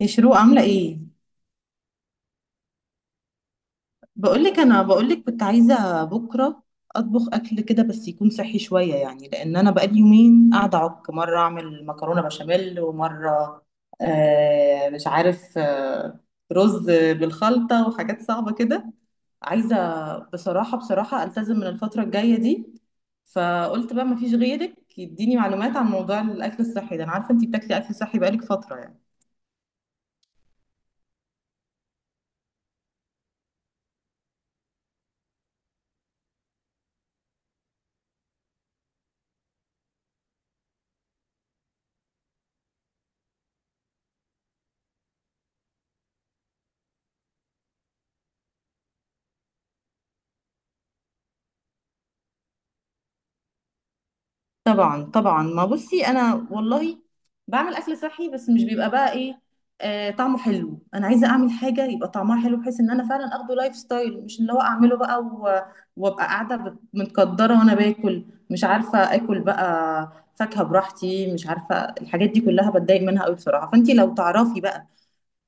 يا شروق، عاملة ايه؟ بقولك انا كنت عايزة بكرة اطبخ اكل كده، بس يكون صحي شوية يعني. لان انا بقالي يومين قاعدة اعك، مرة اعمل مكرونة بشاميل، ومرة مش عارف رز بالخلطة وحاجات صعبة كده. عايزة بصراحة، بصراحة التزم من الفترة الجاية دي. فقلت بقى مفيش غيرك يديني معلومات عن موضوع الاكل الصحي ده، انا عارفة انتي بتاكلي اكل صحي بقالك فترة يعني. طبعا طبعا، ما بصي انا والله بعمل اكل صحي، بس مش بيبقى بقى ايه، طعمه حلو. انا عايزه اعمل حاجه يبقى طعمها حلو، بحيث ان انا فعلا اخده لايف ستايل، مش اللي هو اعمله بقى وابقى قاعده متقدره وانا باكل. مش عارفه اكل بقى فاكهه براحتي، مش عارفه. الحاجات دي كلها بتضايق منها قوي بصراحه. فانت لو تعرفي بقى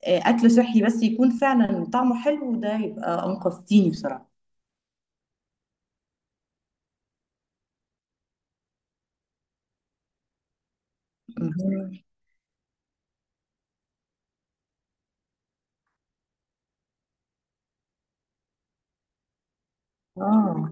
اكل صحي بس يكون فعلا طعمه حلو، ده يبقى انقذتيني بصراحه. مهم. اه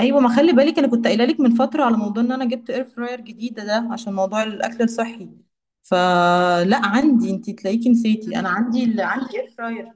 ايوه، ما خلي بالك انا كنت قايله لك من فتره على موضوع ان انا جبت اير فراير جديده ده عشان موضوع الاكل الصحي. فلا عندي، انت تلاقيكي نسيتي، انا عندي اللي عندي اير فراير.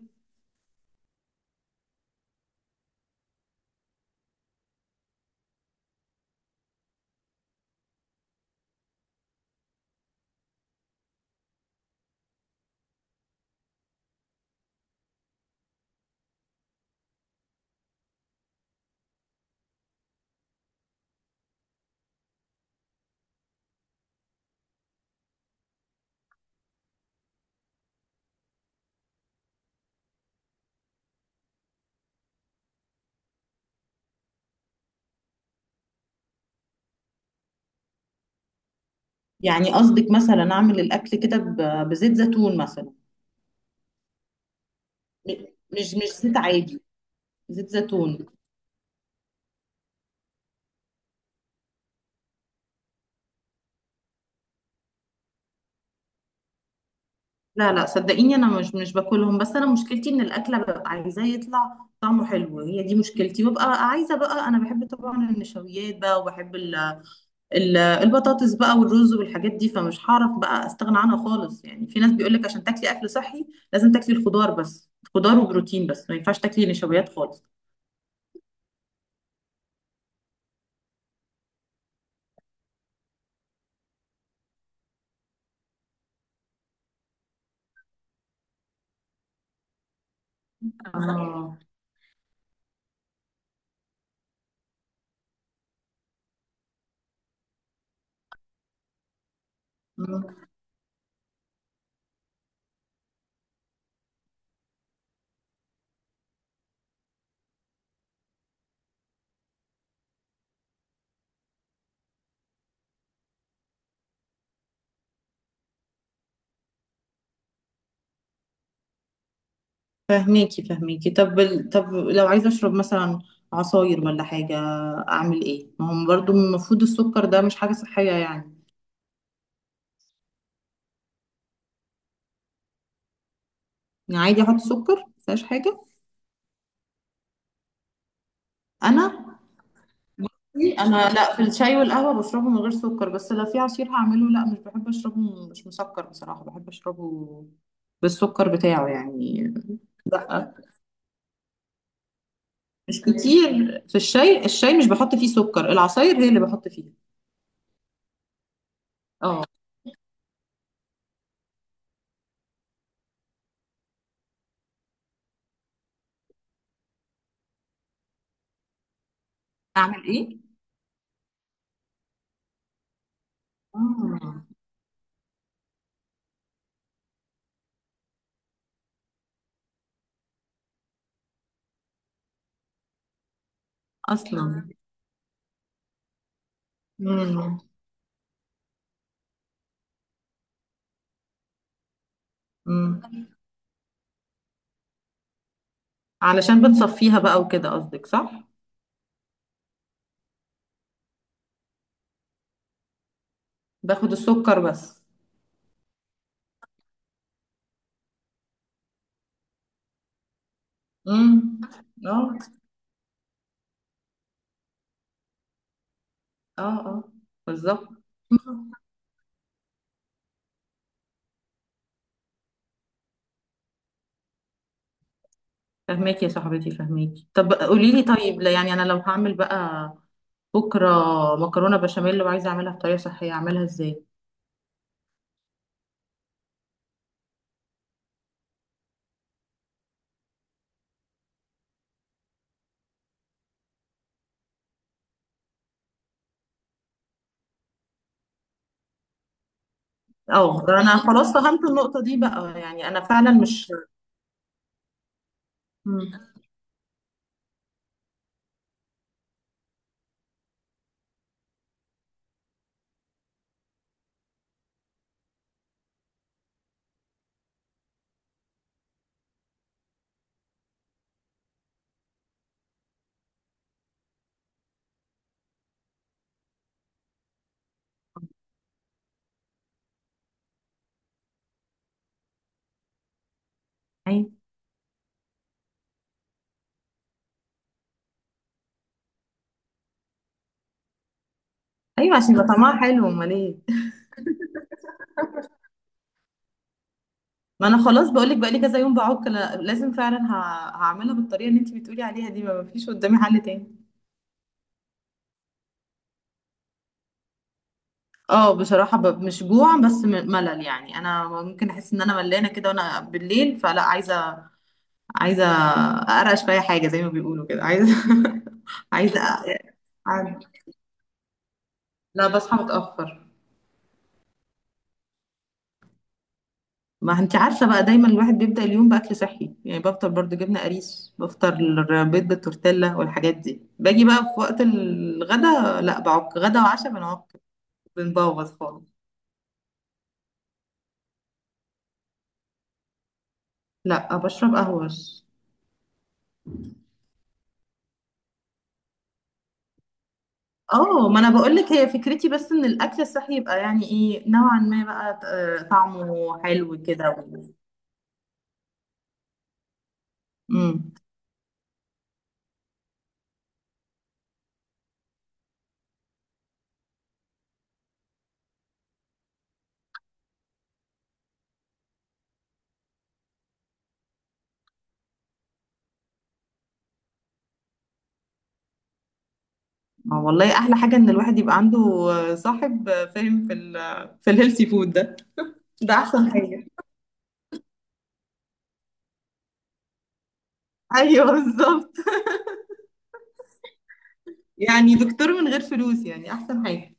يعني قصدك مثلا اعمل الاكل كده بزيت زيتون مثلا؟ م- مش زيت عادي، زيت زيتون. لا لا صدقيني، انا مش باكلهم. بس انا مشكلتي ان الاكله ببقى عايزاه يطلع طعمه حلو، هي دي مشكلتي. وببقى عايزه بقى، انا بحب طبعا النشويات بقى، وبحب ال البطاطس بقى والرز والحاجات دي، فمش هعرف بقى استغنى عنها خالص يعني. في ناس بيقولك عشان تاكلي اكل صحي لازم تاكلي الخضار بس، خضار وبروتين بس، ما ينفعش تاكلي نشويات خالص. اه. مم. فهميكي فهميكي. طب طب لو عايزه اشرب مثلا عصاير ولا حاجه، اعمل ايه؟ ما هم برضو المفروض السكر ده مش حاجه صحيه يعني. يعني عادي احط سكر مفيهاش حاجه؟ انا انا لا، في الشاي والقهوه بشربه من غير سكر، بس لو في عصير هعمله لا، مش بحب اشربه مش مسكر بصراحه، بحب اشربه بالسكر بتاعه يعني. لا مش كتير، في الشاي، الشاي مش بحط فيه سكر، العصاير هي اللي بحط فيها. اه. اعمل ايه؟ آه. اصلا. مم. مم. علشان بنصفيها بقى وكده قصدك، صح؟ باخد السكر بس. امم. اه. اه. اه بالظبط. فهماكي يا صاحبتي، فهماكي. طب قولي لي، طيب لا يعني، انا لو هعمل بقى بكرة مكرونة بشاميل، لو عايزة أعملها بطريقة صحية، أعملها إزاي؟ أه أنا بصي خلاص، فهمت النقطة دي بقى، يعني أنا فعلا مش. مم. أيوة. أيوة عشان يبقى طعمها حلو، أمال إيه؟ ما أنا خلاص بقولك بقالي كذا يوم بعك، لازم فعلا هعملها بالطريقة اللي أنت بتقولي عليها دي، ما فيش قدامي حل تاني. اه بصراحة، مش جوع، بس ملل يعني. أنا ممكن أحس إن أنا ملانة كده، وأنا بالليل فلا عايزة، عايزة أقرقش في أي حاجة زي ما بيقولوا كده، عايزة عايزة لا بصحى متأخر. ما انت عارفه بقى، دايما الواحد بيبدا اليوم باكل صحي يعني، بفطر برضو جبنه قريش، بفطر بيض بالتورتيلا والحاجات دي. باجي بقى في وقت الغدا لا، بعك غدا وعشاء بنعك، بنبوظ خالص. لا بشرب قهوه بس. اه ما انا بقول لك، هي فكرتي بس ان الاكل الصحي يبقى يعني ايه، نوعا ما بقى، طعمه حلو كده. امم. والله احلى حاجه ان الواحد يبقى عنده صاحب فاهم في ال في الهيلثي فود ده، ده احسن حاجه. ايوه بالظبط، يعني دكتور من غير فلوس يعني، احسن حاجة.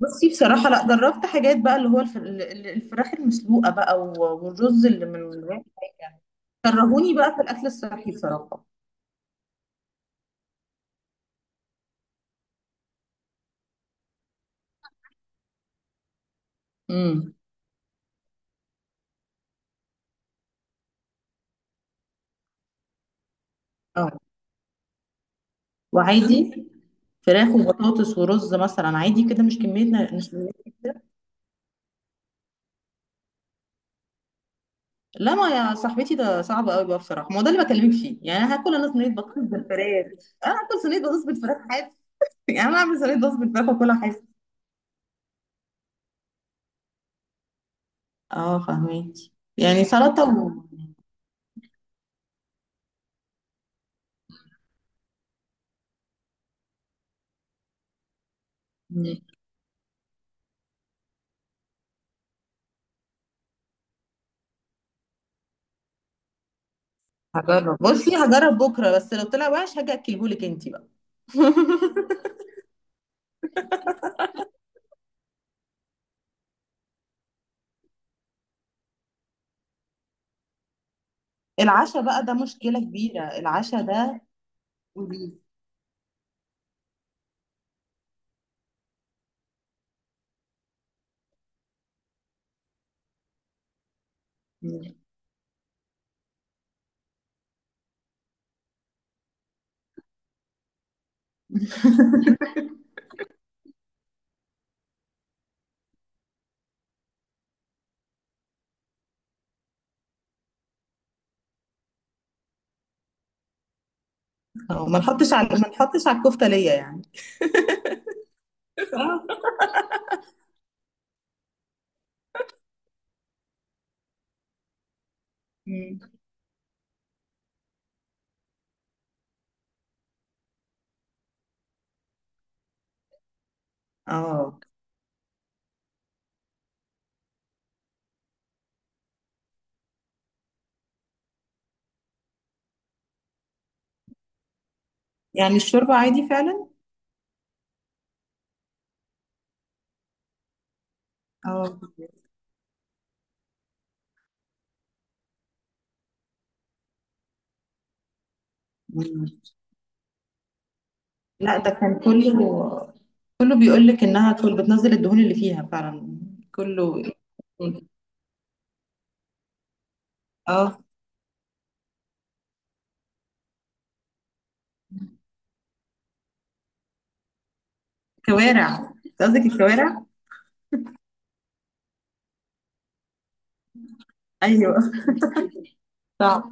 بصي بصراحة لا، جربت حاجات بقى، اللي هو الفراخ المسلوقة بقى والرز اللي من غير حاجة، كرهوني بقى في الأكل الصحي بصراحة. امم. اه. وعادي فراخ وبطاطس ورز مثلا عادي كده، مش كمية مش كمية كده؟ لا ما يا صاحبتي، ده صعب قوي بقى بصراحة، ما هو ده اللي بكلمك فيه. يعني أنا هاكل، أنا صينية بطاطس بالفراخ، أنا هاكل صينية بطاطس بالفراخ حاف؟ يعني أنا هعمل صينية بطاطس بالفراخ وأكلها حاف. اه فهميكي، يعني سلطة. و... هجرب، بصي هجرب بكره، بس لو طلع وحش هاجي اكلهولك انت بقى. العشاء بقى ده مشكله كبيره، العشاء ده. قولي. مم. اه ما نحطش، على الكفته ليا يعني اه. مم. اه. يعني الشوربه عادي فعلا؟ اه. مم. لا ده كان كله، كله بيقول لك انها كل بتنزل الدهون اللي فيها فعلا، كله. اه. كوارع؟ أنت قصدك الكوارع. ايوه. صعب.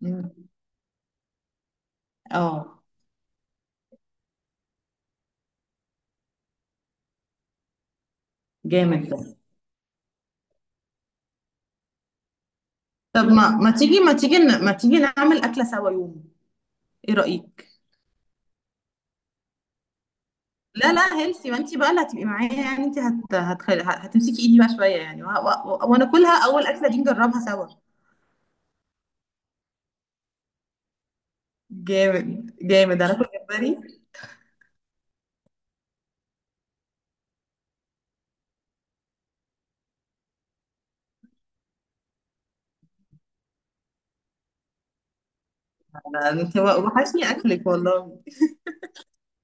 مم. اه. جامد ده. طب ما، ما تيجي نعمل أكلة سوا يوم، ايه رأيك؟ لا لا هيلثي، ما انت بقى اللي هتبقي معايا يعني. انت هتمسكي ايدي بقى شوية يعني، وناكلها اول أكلة دي نجربها سوا. جامد جامد. انا كنت جمبري. انت وحشني اكلك والله،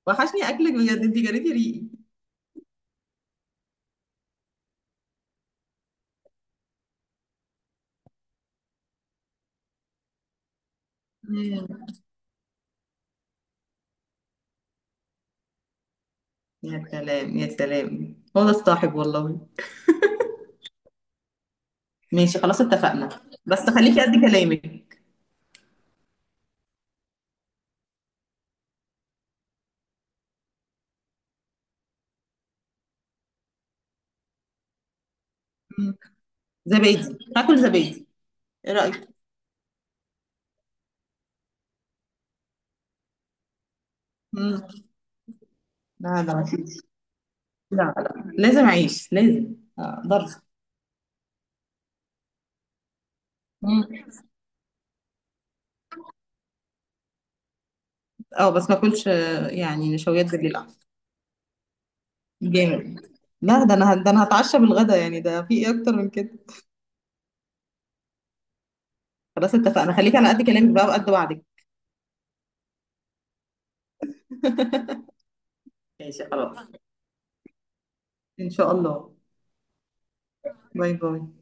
وحشني اكلك بجد، انت جريتي ريقي. مم. يا سلام يا سلام، هو ده الصاحب والله. ماشي خلاص اتفقنا، بس خليكي قد كلامك. مم. زبادي، هاكل زبادي، ايه رأيك؟ مم. لا ده، لا لا لازم اعيش، لازم اقدرش. مم. اه بس ما اكلش يعني نشويات بالليل احسن. جامد. لا ده انا، ده انا هتعشى بالغدا يعني، ده في ايه اكتر من كده؟ خلاص اتفقنا، خليك على قد كلامك بقى وقد وعدك. ماشي خلاص، ان شاء الله. باي باي.